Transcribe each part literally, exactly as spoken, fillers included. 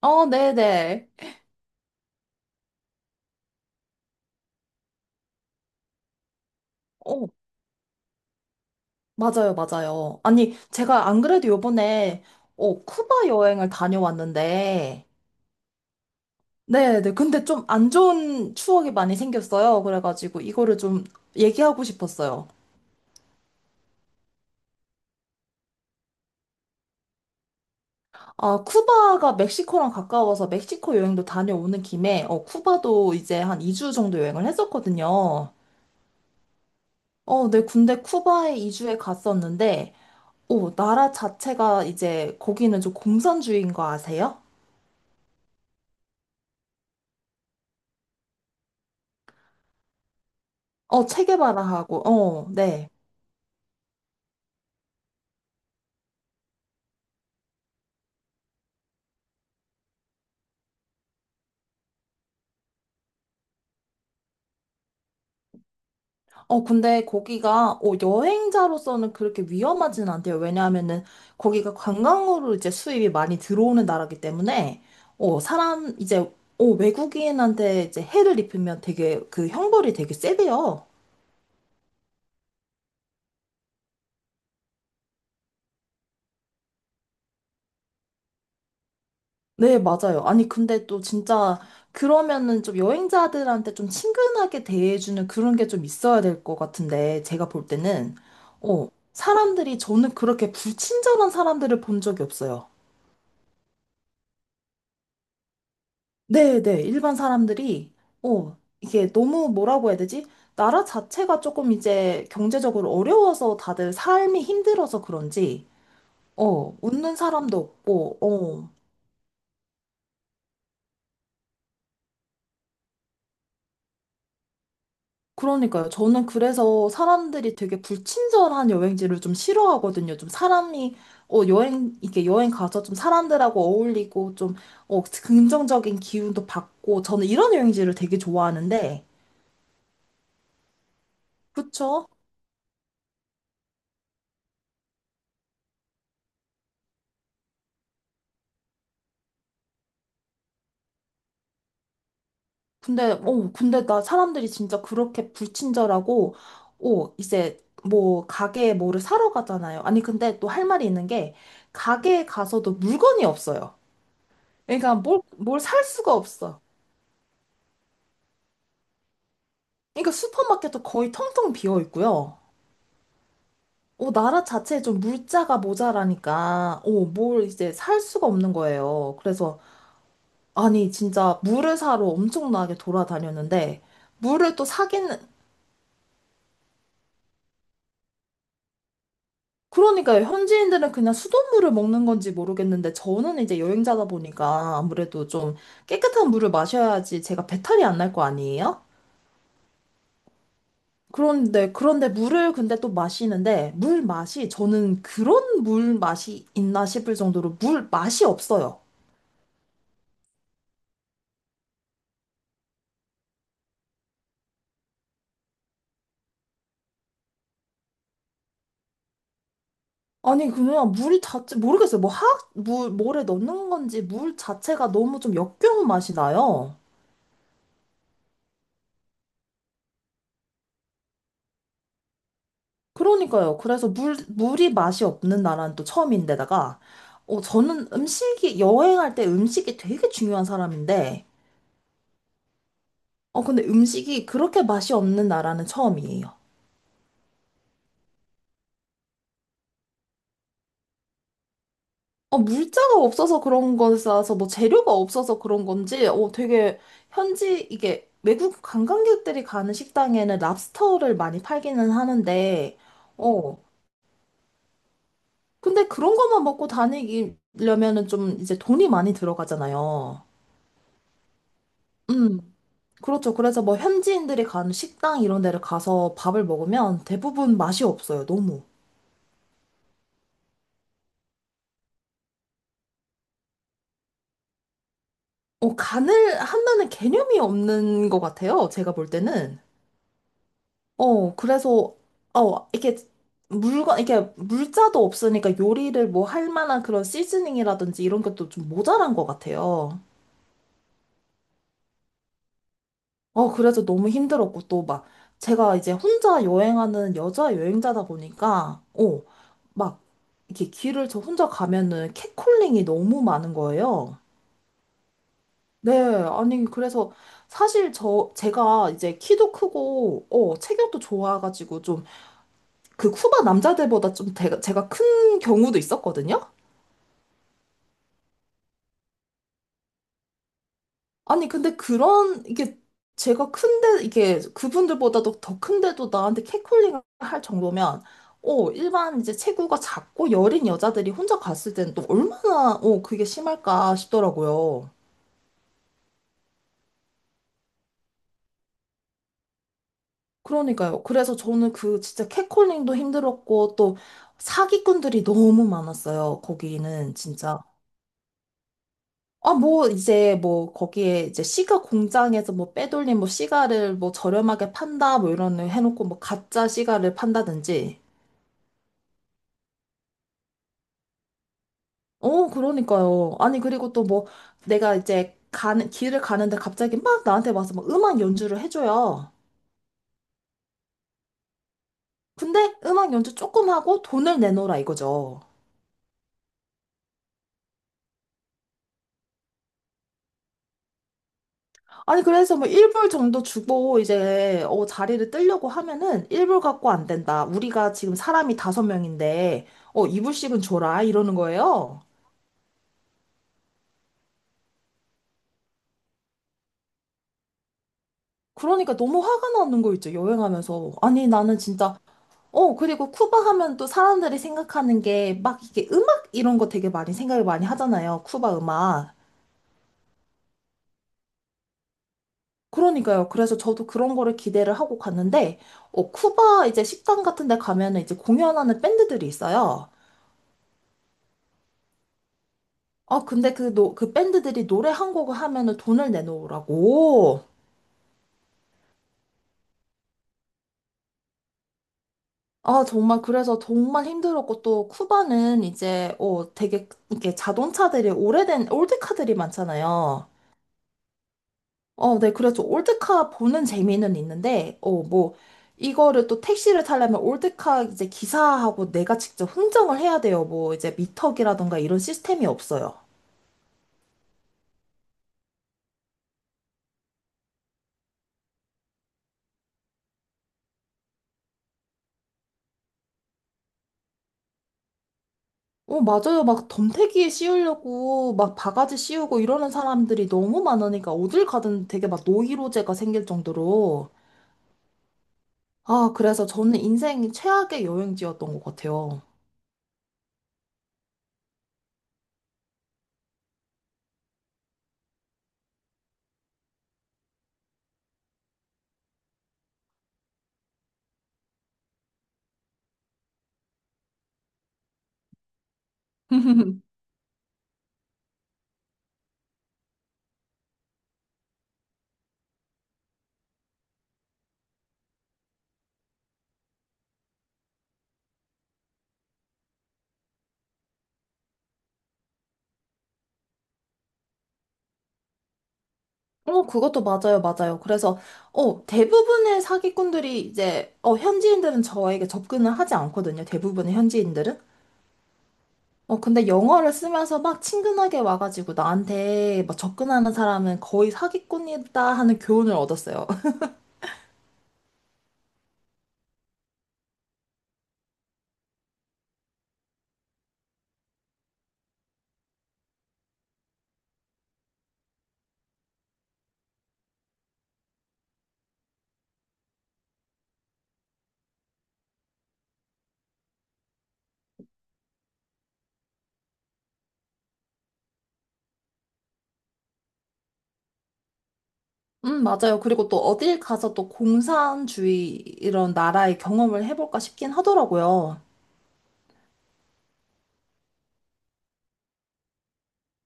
어, 네네. 어, 맞아요, 맞아요. 아니, 제가 안 그래도 요번에, 어, 쿠바 여행을 다녀왔는데, 네네. 근데 좀 안 좋은 추억이 많이 생겼어요. 그래가지고 이거를 좀 얘기하고 싶었어요. 아, 쿠바가 멕시코랑 가까워서 멕시코 여행도 다녀오는 김에, 어, 쿠바도 이제 한 이 주 정도 여행을 했었거든요. 어, 네. 근데 쿠바에 이 주에 갔었는데, 오, 나라 자체가 이제 거기는 좀 공산주의인 거 아세요? 어, 체게바라하고, 어, 네. 어, 근데 거기가, 어, 여행자로서는 그렇게 위험하진 않대요. 왜냐하면은, 거기가 관광으로 이제 수입이 많이 들어오는 나라기 때문에, 어, 사람, 이제, 어, 외국인한테 이제 해를 입히면 되게, 그 형벌이 되게 세대요. 네, 맞아요. 아니, 근데 또 진짜 그러면은 좀 여행자들한테 좀 친근하게 대해주는 그런 게 좀 있어야 될 것 같은데, 제가 볼 때는, 어, 사람들이 저는 그렇게 불친절한 사람들을 본 적이 없어요. 네, 네, 일반 사람들이, 어, 이게 너무 뭐라고 해야 되지? 나라 자체가 조금 이제 경제적으로 어려워서 다들 삶이 힘들어서 그런지, 어, 웃는 사람도 없고, 어, 그러니까요. 저는 그래서 사람들이 되게 불친절한 여행지를 좀 싫어하거든요. 좀 사람이, 어, 여행, 이렇게 여행 가서 좀 사람들하고 어울리고 좀, 어, 긍정적인 기운도 받고, 저는 이런 여행지를 되게 좋아하는데, 그쵸? 근데, 어, 근데 나 사람들이 진짜 그렇게 불친절하고, 어, 이제 뭐, 가게에 뭐를 사러 가잖아요. 아니, 근데 또 할 말이 있는 게, 가게에 가서도 물건이 없어요. 그러니까 뭘, 뭘 살 수가 없어. 그러니까 슈퍼마켓도 거의 텅텅 비어 있고요. 어, 나라 자체에 좀 물자가 모자라니까, 어, 뭘 이제 살 수가 없는 거예요. 그래서, 아니, 진짜 물을 사러 엄청나게 돌아다녔는데, 물을 또 사기는, 그러니까요. 현지인들은 그냥 수돗물을 먹는 건지 모르겠는데, 저는 이제 여행자다 보니까 아무래도 좀 깨끗한 물을 마셔야지 제가 배탈이 안 날 거 아니에요? 그런데, 그런데 물을 근데 또 마시는데, 물 맛이, 저는 그런 물 맛이 있나 싶을 정도로 물 맛이 없어요. 아니, 그냥 물 자체, 모르겠어요. 뭐 화학, 물, 뭐래 넣는 건지 물 자체가 너무 좀 역겨운 맛이 나요. 그러니까요. 그래서 물, 물이 맛이 없는 나라는 또 처음인데다가, 어, 저는 음식이, 여행할 때 음식이 되게 중요한 사람인데, 어, 근데 음식이 그렇게 맛이 없는 나라는 처음이에요. 어, 물자가 없어서 그런 거라서 뭐 재료가 없어서 그런 건지 어, 되게 현지 이게 외국 관광객들이 가는 식당에는 랍스터를 많이 팔기는 하는데 어 근데 그런 것만 먹고 다니려면은 좀 이제 돈이 많이 들어가잖아요. 음 그렇죠. 그래서 뭐 현지인들이 가는 식당 이런 데를 가서 밥을 먹으면 대부분 맛이 없어요. 너무. 어, 간을 한다는 개념이 없는 것 같아요. 제가 볼 때는. 어, 그래서, 어, 이렇게 물건, 이렇게 물자도 없으니까 요리를 뭐 할 만한 그런 시즈닝이라든지 이런 것도 좀 모자란 것 같아요. 어, 그래서 너무 힘들었고, 또 막, 제가 이제 혼자 여행하는 여자 여행자다 보니까, 어, 막, 이렇게 길을 저 혼자 가면은 캣콜링이 너무 많은 거예요. 네, 아니, 그래서 사실 저, 제가 이제 키도 크고, 어, 체격도 좋아가지고 좀 그 쿠바 남자들보다 좀 제가, 제가 큰 경우도 있었거든요? 아니, 근데 그런, 이게, 제가 큰데, 이게, 그분들보다도 더 큰데도 나한테 캣콜링을 할 정도면, 어, 일반 이제 체구가 작고 여린 여자들이 혼자 갔을 때는 또 얼마나, 어, 그게 심할까 싶더라고요. 그러니까요. 그래서 저는 그 진짜 캣콜링도 힘들었고, 또 사기꾼들이 너무 많았어요. 거기는 진짜. 아, 뭐, 이제, 뭐, 거기에, 이제, 시가 공장에서 뭐, 빼돌린, 뭐, 시가를 뭐, 저렴하게 판다, 뭐, 이런, 거 해놓고, 뭐, 가짜 시가를 판다든지. 어, 그러니까요. 아니, 그리고 또 뭐, 내가 이제, 가는, 길을 가는데 갑자기 막 나한테 와서 막 음악 연주를 해줘요. 근데 음악 연주 조금 하고 돈을 내놓으라 이거죠. 아니, 그래서 뭐, 일 불 정도 주고, 이제, 어, 자리를 뜨려고 하면은, 일 불 갖고 안 된다. 우리가 지금 사람이 다섯 명인데, 어, 이 불씩은 줘라. 이러는 거예요. 그러니까 너무 화가 나는 거 있죠, 여행하면서. 아니, 나는 진짜, 어, 그리고 쿠바 하면 또 사람들이 생각하는 게 막 이게 음악 이런 거 되게 많이 생각을 많이 하잖아요, 쿠바 음악. 그러니까요. 그래서 저도 그런 거를 기대를 하고 갔는데, 어, 쿠바 이제 식당 같은 데 가면은 이제 공연하는 밴드들이 있어요. 아, 근데 그, 노, 그 밴드들이 노래 한 곡을 하면은 돈을 내놓으라고. 아, 정말, 그래서 정말 힘들었고, 또, 쿠바는 이제, 어, 되게, 이렇게 자동차들이 오래된 올드카들이 많잖아요. 어, 네, 그래서 올드카 보는 재미는 있는데, 어, 뭐, 이거를 또 택시를 타려면 올드카 이제 기사하고 내가 직접 흥정을 해야 돼요. 뭐, 이제 미터기라던가 이런 시스템이 없어요. 어, 맞아요. 막 덤태기에 씌우려고, 막 바가지 씌우고 이러는 사람들이 너무 많으니까, 어딜 가든 되게 막 노이로제가 생길 정도로. 아, 그래서 저는 인생 최악의 여행지였던 것 같아요. 어, 그것도 맞아요, 맞아요. 그래서, 어, 대부분의 사기꾼들이 이제, 어, 현지인들은 저에게 접근을 하지 않거든요. 대부분의 현지인들은. 어, 근데 영어를 쓰면서 막 친근하게 와가지고 나한테 막 접근하는 사람은 거의 사기꾼이다 하는 교훈을 얻었어요. 음, 맞아요. 그리고 또 어딜 가서 또 공산주의 이런 나라의 경험을 해볼까 싶긴 하더라고요.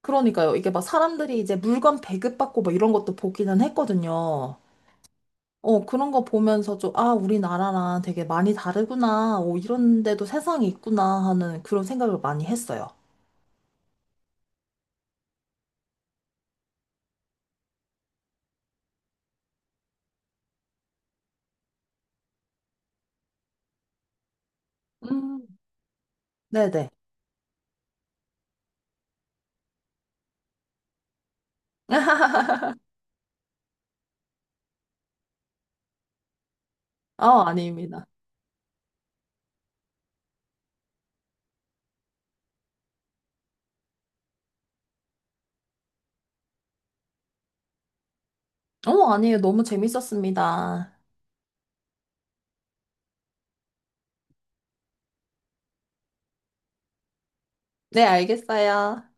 그러니까요. 이게 막 사람들이 이제 물건 배급받고 막 이런 것도 보기는 했거든요. 어, 그런 거 보면서 좀, 아, 우리나라랑 되게 많이 다르구나. 오, 이런 데도 세상이 있구나 하는 그런 생각을 많이 했어요. 음. 네네. 어, 아닙니다. 어, 아니에요. 너무 재밌었습니다. 네, 알겠어요.